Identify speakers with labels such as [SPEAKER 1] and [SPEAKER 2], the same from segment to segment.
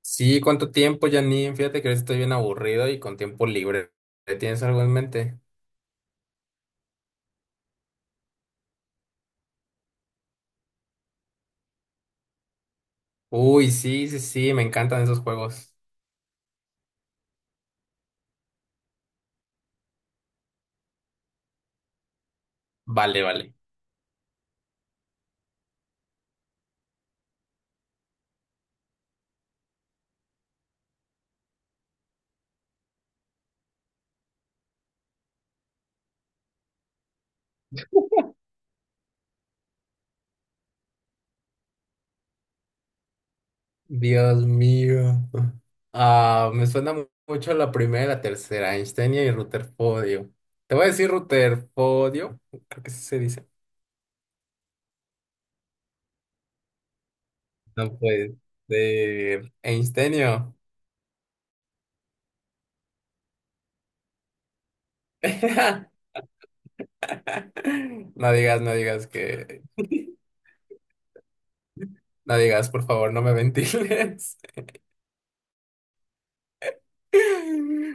[SPEAKER 1] Sí, ¿cuánto tiempo, Janine? Fíjate que ahorita estoy bien aburrido y con tiempo libre. ¿Tienes algo en mente? Uy, sí, sí, sí, me encantan esos juegos. Vale, vale. Dios mío. Ah, me suena mucho la primera y la tercera, Einstein y Rutherfordio. Te voy a decir Rutherfordio, creo que sí se dice. No puede ser. Einsteinio. No digas, no digas que, no digas, por favor, no me ventiles.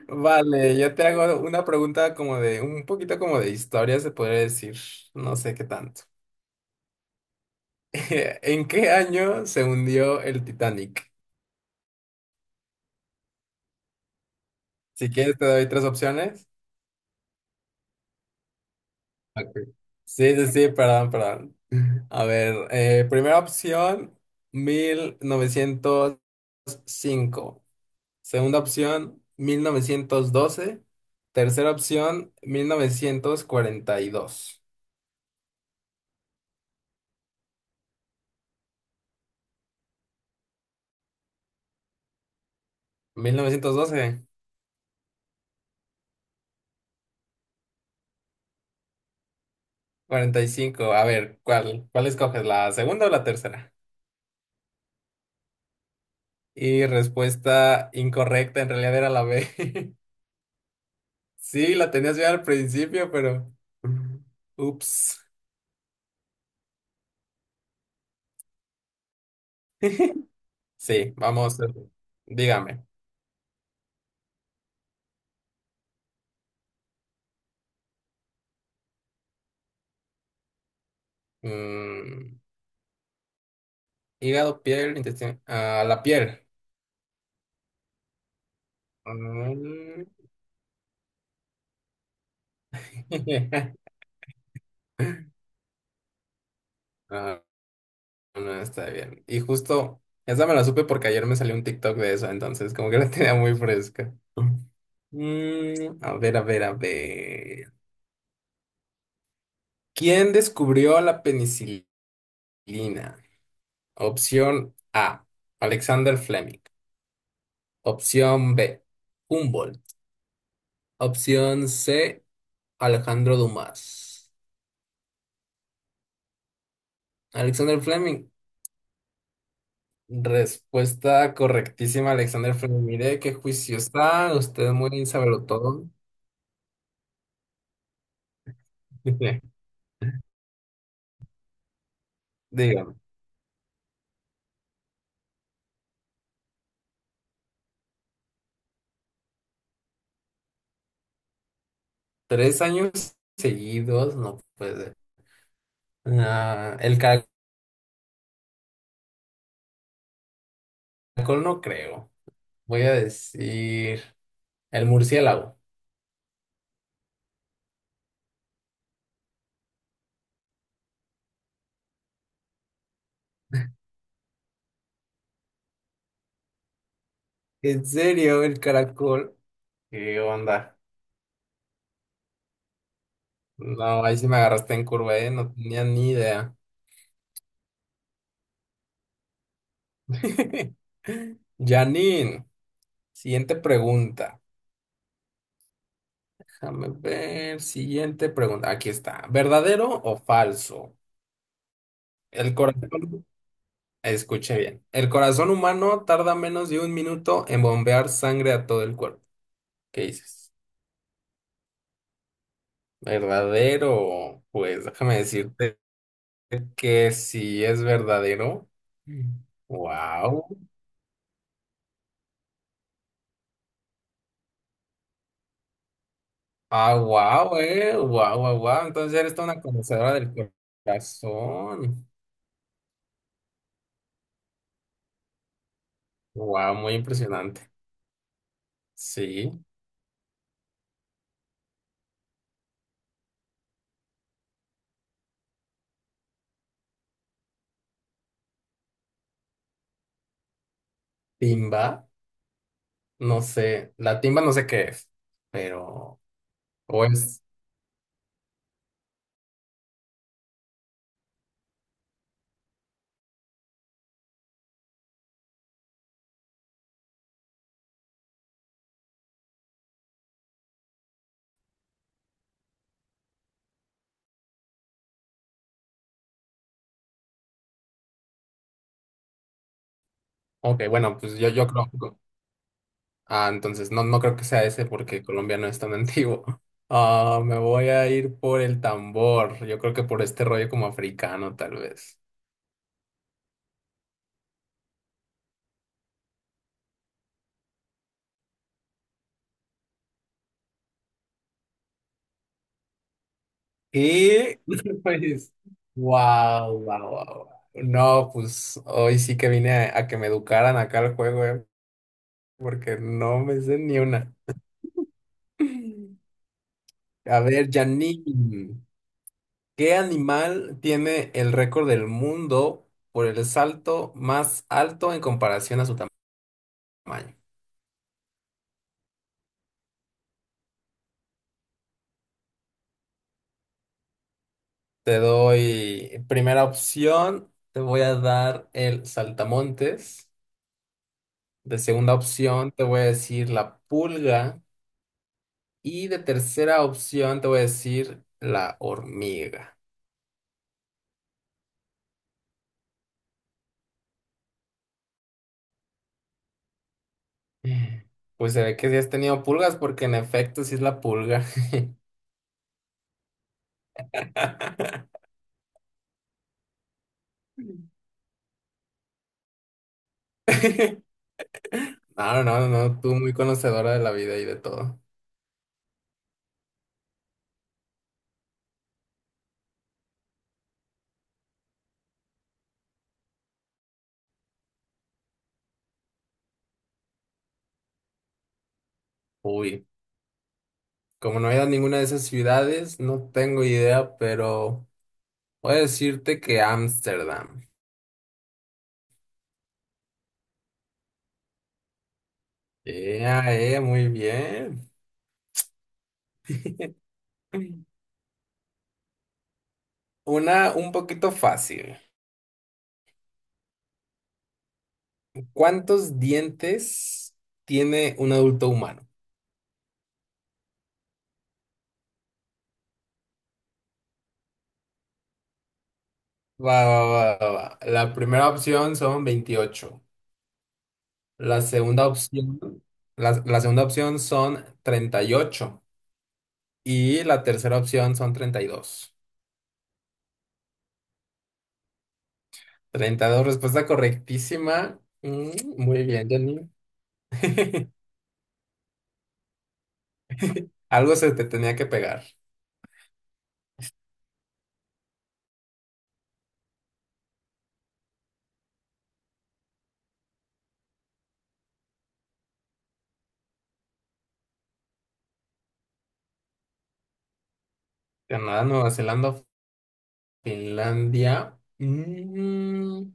[SPEAKER 1] Vale, yo te hago una pregunta como de, un poquito como de historia, se podría decir, no sé qué tanto. ¿En qué año se hundió el Titanic? Si quieres te doy tres opciones. Ok. Sí, sí, sí, perdón, perdón. A ver, primera opción, 1905. Segunda opción, 1912. Tercera opción, mil novecientos cuarenta y dos. 1912. 45. A ver, ¿cuál escoges, ¿la segunda o la tercera? Y respuesta incorrecta, en realidad era la B. Sí, la tenías bien al principio, pero... Ups. Sí, vamos. Dígame. Mm, hígado, piel, intestino... ah, la piel. Mm. Ah, no está bien. Y justo, esa me la supe porque ayer me salió un TikTok de eso, entonces como que la tenía muy fresca. Mm, a ver, a ver, a ver. ¿Quién descubrió la penicilina? Opción A, Alexander Fleming. Opción B, Humboldt. Opción C, Alejandro Dumas. Alexander Fleming. Respuesta correctísima, Alexander Fleming. Mire qué juicio está. Usted muy todo. Dígame, 3 años seguidos, no puede ser. Ah, el caracol no creo. Voy a decir. El murciélago. ¿En serio? El caracol. ¿Qué onda? No, ahí sí me agarraste en curva, ¿eh? No tenía ni idea. Janine, siguiente pregunta. Déjame ver, siguiente pregunta. Aquí está. ¿Verdadero o falso? El corazón, escuche bien. El corazón humano tarda menos de un minuto en bombear sangre a todo el cuerpo. ¿Qué dices? ¿Verdadero? Pues déjame decirte que sí es verdadero. Wow. Ah, wow, eh. Wow, wow, wow. Entonces eres toda una conocedora del corazón. Wow, muy impresionante. Sí. Timba, no sé. La timba no sé qué es, pero. O es. Ok, bueno, pues yo creo. Ah, entonces no, no creo que sea ese porque Colombia no es tan antiguo. Ah, me voy a ir por el tambor. Yo creo que por este rollo como africano, tal vez. Y pues, wow, wow, wow. No, pues hoy sí que vine a que me educaran acá al juego, porque no me sé ni una. A ver, Janine, ¿qué animal tiene el récord del mundo por el salto más alto en comparación a su tamaño? Te doy primera opción, te voy a dar el saltamontes. De segunda opción, te voy a decir la pulga. Y de tercera opción te voy a decir la hormiga. Mm. Pues se ve que sí has tenido pulgas porque en efecto sí es la pulga. No, no, no, tú muy conocedora de la vida y de todo. Uy, como no he ido a ninguna de esas ciudades, no tengo idea, pero voy a decirte que Ámsterdam. Ea, ea, muy bien. Una un poquito fácil. ¿Cuántos dientes tiene un adulto humano? Va, va, va, va, va. La primera opción son 28. La segunda opción, la segunda opción son 38. Y la tercera opción son treinta y dos. Treinta y dos. Respuesta correctísima. Mm, muy bien, Janine. Algo se te tenía que pegar. Canadá, Nueva Zelanda, Finlandia. Mm,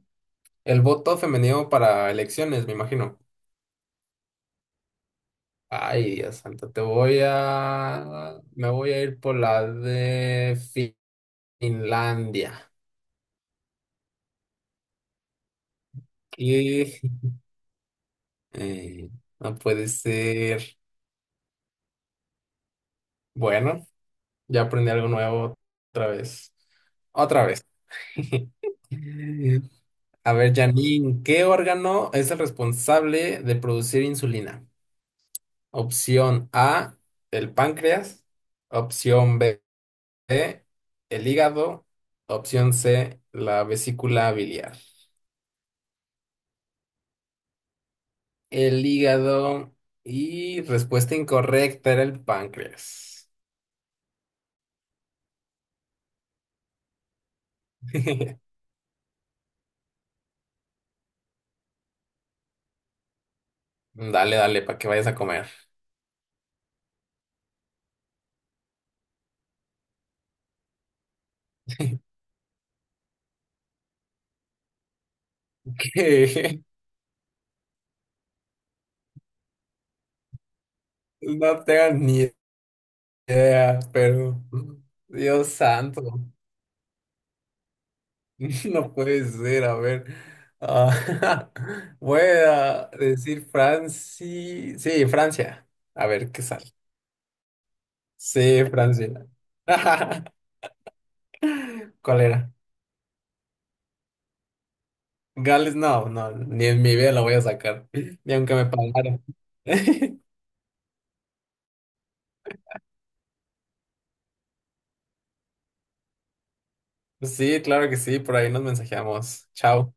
[SPEAKER 1] el voto femenino para elecciones, me imagino. Ay, Dios santo, te voy a... Me voy a ir por la de Finlandia. Y eh, no puede ser. Bueno, ya aprendí algo nuevo otra vez. Otra vez. A ver, Janine, ¿qué órgano es el responsable de producir insulina? Opción A, el páncreas. Opción B, el hígado. Opción C, la vesícula biliar. El hígado y respuesta incorrecta era el páncreas. Dale, dale, para que vayas a comer. Que no tengo ni idea, pero Dios santo, no puede ser, a ver. Ah, voy a decir Francia. Sí, Francia. A ver qué sale. Sí, Francia. ¿Cuál era? Gales, no, no, ni en mi vida la voy a sacar, ni aunque me pagaran. Sí, claro que sí, por ahí nos mensajeamos. Chao.